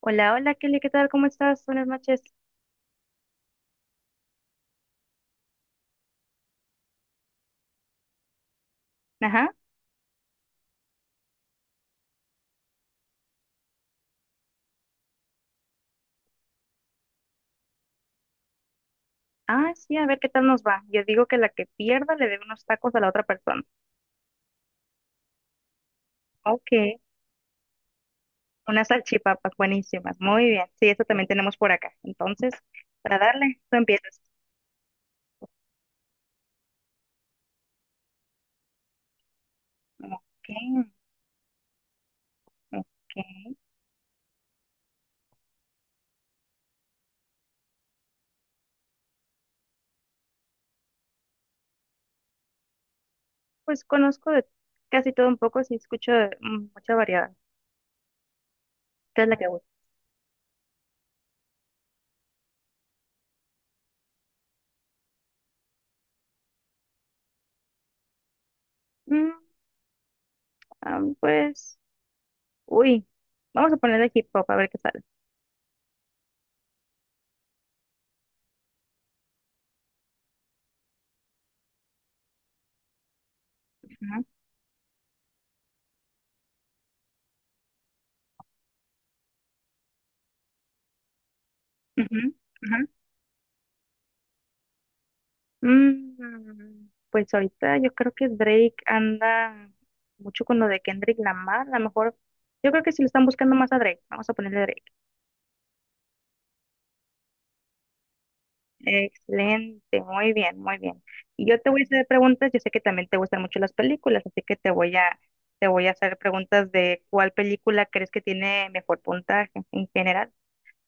Hola, hola Kelly, ¿qué tal? ¿Cómo estás? Buenas noches. Ajá. Ah, sí, a ver qué tal nos va. Yo digo que la que pierda le debe unos tacos a la otra persona. Ok, unas salchipapas buenísimas. Muy bien. Sí, eso también tenemos por acá. Entonces, para darle, tú empiezas. Ok, ok. Pues conozco de casi todo un poco, sí escucho de, mucha variedad. ¿Qué es la que gusta? Mm, pues, uy, vamos a ponerle hip hop a ver qué sale. Ajá, ujú, ajá. Mm, pues ahorita yo creo que Drake anda mucho con lo de Kendrick Lamar, a lo mejor, yo creo que si lo están buscando más a Drake, vamos a ponerle Drake. Excelente, muy bien, muy bien. Y yo te voy a hacer preguntas, yo sé que también te gustan mucho las películas, así que te voy a hacer preguntas de cuál película crees que tiene mejor puntaje en general.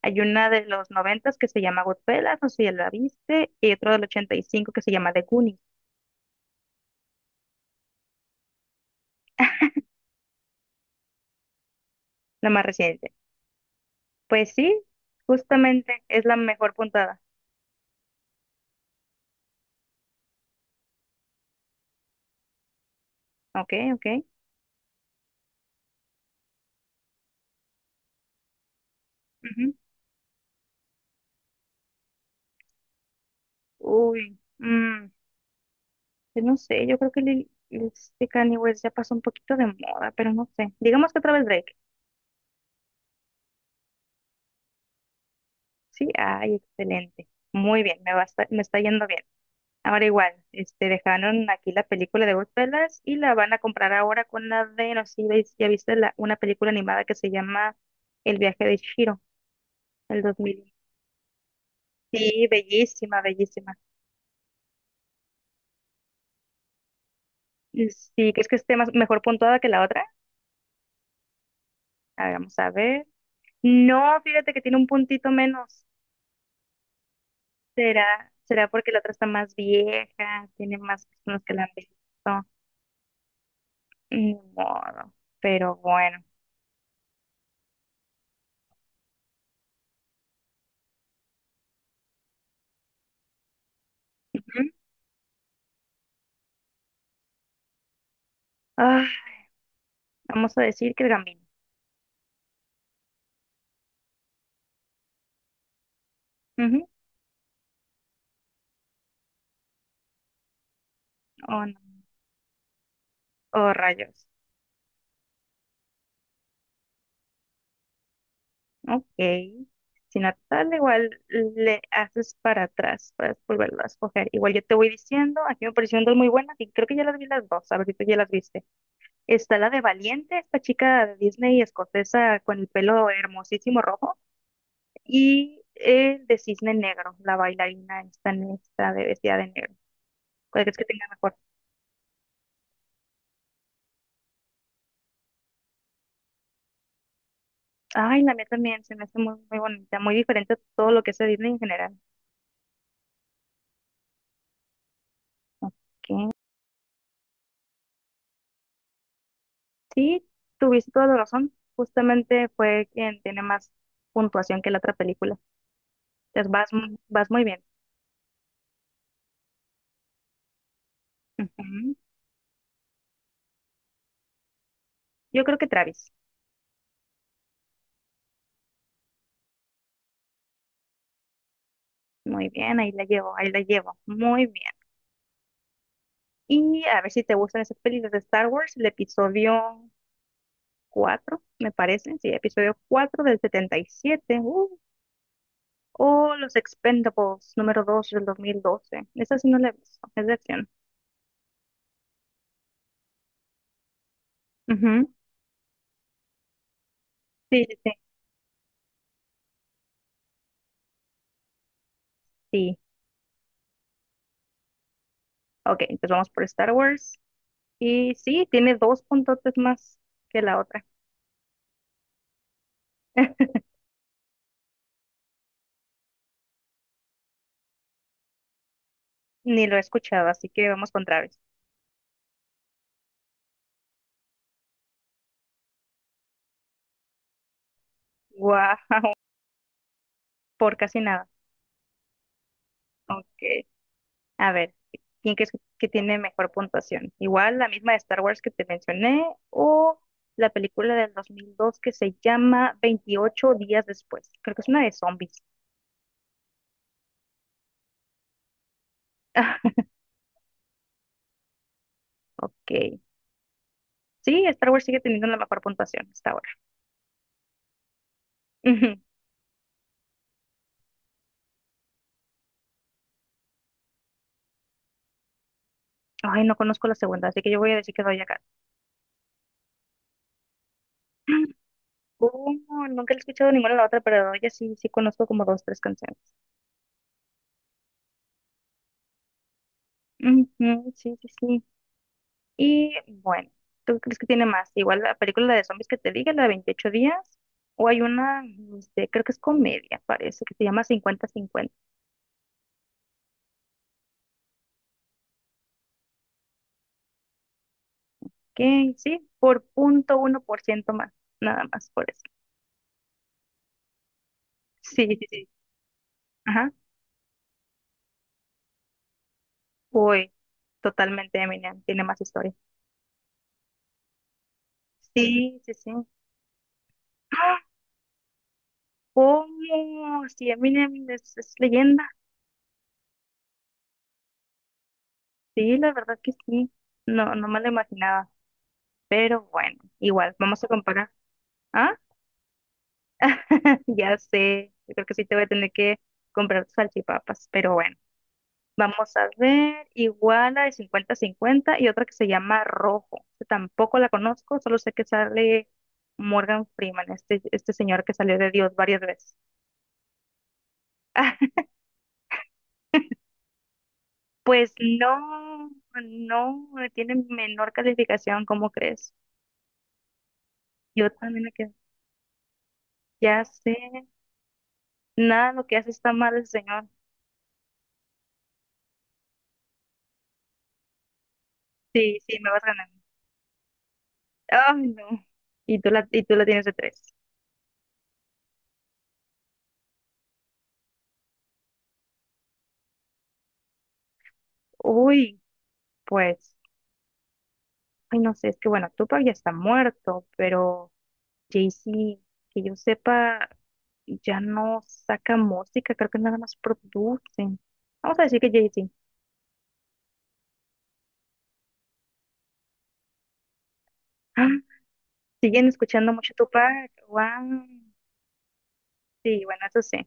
Hay una de los noventas que se llama Goodfellas, no sé si ya la viste, y otra del 85 que se llama The Goonies, la más reciente. Pues sí, justamente es la mejor puntada. Ok, ok. Ujú. Uy, mm, pues no sé, yo creo que este Kanye West ya pasó un poquito de moda, pero no sé. Digamos que otra vez Drake. Sí, ay, excelente. Muy bien, me va a esta- me está yendo bien. Ahora igual, este, dejaron aquí la película de Goodfellas y la van a comprar ahora con la de, no sé si ya viste la, una película animada que se llama El viaje de Chihiro, el 2000. Sí, bellísima, bellísima. Sí, ¿crees que esté mejor puntuada que la otra? A ver, vamos a ver. No, fíjate que tiene un puntito menos. Será porque la otra está más vieja? Tiene más personas que la han visto. Ni modo. Pero bueno. Ujú. Ah, vamos a decir que el Gambino. Ujú. Oh, no. Oh, rayos. Ok. Si no tal, igual le haces para atrás para volverlo a escoger. Igual yo te voy diciendo, aquí me parecieron dos muy buenas y creo que ya las vi las dos. A ver si tú ya las viste. Está la de Valiente, esta chica de Disney escocesa con el pelo hermosísimo rojo, y el de Cisne Negro, la bailarina esta, de vestida de negro. ¿Cuál crees que tenga mejor? Ay, la mía también se me hace muy, muy bonita, muy diferente a todo lo que es de Disney en general. Ok. Sí, tuviste toda la razón. Justamente fue quien tiene más puntuación que la otra película. Entonces vas, vas muy bien. Ujú. Yo creo que Travis. Muy bien, ahí la llevo, ahí la llevo. Muy bien. Y a ver si te gustan esas películas de Star Wars, el episodio 4 me parece, sí, episodio 4 del 77, o Los Expendables número 2 del 2012. Esa sí no la he visto, es de acción. Ujú. Sí, sí, sí, sí. Ok, entonces vamos por Star Wars. Y sí, tiene dos puntotes más que la otra. Ni lo he escuchado, así que vamos con Travis. Guau, por casi nada. Ok. A ver, ¿quién crees que tiene mejor puntuación? Igual la misma de Star Wars que te mencioné o la película del 2002 que se llama 28 días después. Creo que es una de zombies. Ok. Sí, Star Wars sigue teniendo la mejor puntuación hasta ahora. Ujú. Ay, no conozco la segunda, así que yo voy a decir que doy acá. ¿Cómo? Nunca la he escuchado ninguna de la otra, pero ya sí, sí conozco como dos, tres canciones. Ujú. Sí, sí, sí. Y bueno, ¿tú crees que tiene más? Igual la película de zombies que te dije, la de 28 días, o hay una, este, creo que es comedia, parece, que se llama 50 50, que sí, por 0,1% más, nada más por eso. Sí, sí, sí. Ajá. Uy, totalmente Eminem, tiene más historia. Sí, sí, sí. ¡Ah! ¿Cómo? Sí, Eminem es leyenda. Sí, la verdad que sí. No, no me lo imaginaba. Pero bueno, igual, vamos a comparar. ¿Ah? Ya sé, yo creo que sí te voy a tener que comprar salchipapas, pero bueno, vamos a ver, igual la de 50 cincuenta y otra que se llama Rojo, que tampoco la conozco, solo sé que sale Morgan Freeman, este señor que salió de Dios varias veces. Pues no, no, tiene menor calificación, ¿cómo crees? Yo también me quedo, ya sé, nada, lo que hace está mal el señor. Sí, sí, me vas ganando. Ay, no. Y tú la tienes de tres. Uy. Pues, ay, no sé, es que bueno, Tupac ya está muerto, pero Jay-Z, que yo sepa, ya no saca música, creo que nada más producen. Vamos a decir que Jay-Z. Ah, ¿siguen escuchando mucho Tupac? Wow. Sí, bueno, eso sí.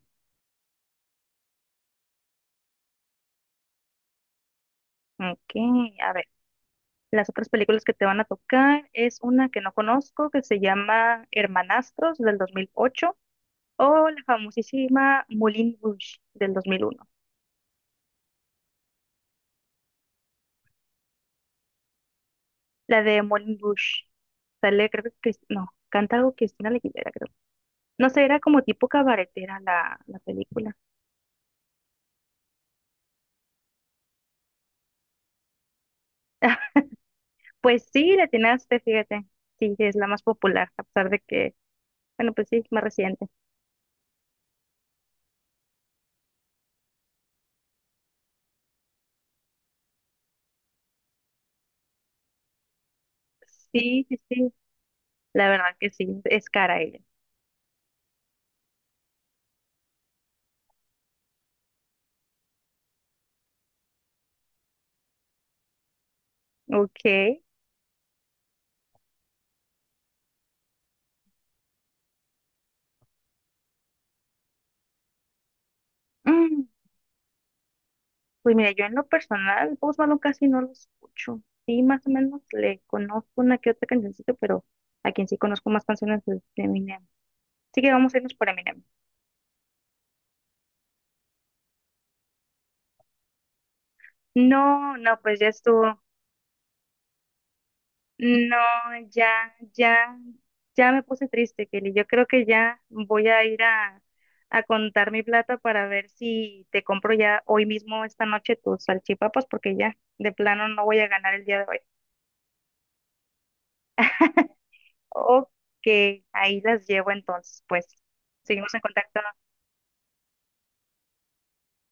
Ok, a ver. Las otras películas que te van a tocar es una que no conozco, que se llama Hermanastros del 2008 o la famosísima Moulin Rouge del 2001. La de Moulin Rouge. Sale, creo que, no, canta algo Cristina Aguilera, creo. No sé, era como tipo cabaretera la película. Pues sí, la atinaste, fíjate. Sí, sí, es la más popular, a pesar de que, bueno, pues sí, es más reciente. Sí, sí, sí, la verdad que sí, es cara ella. Ok. Mm, pues mira, yo en lo personal, Post Malone casi no lo escucho. Sí, más o menos le conozco una que otra cancioncita, pero a quien sí conozco más canciones es de Eminem. Así que vamos a irnos por Eminem. No, no, pues ya estuvo. No, ya, ya, ya me puse triste, Kelly. Yo creo que ya voy a ir a contar mi plata para ver si te compro ya hoy mismo, esta noche, tus salchipapas, porque ya, de plano, no voy a ganar el día de hoy. Ok, ahí las llevo entonces, pues. Seguimos en contacto.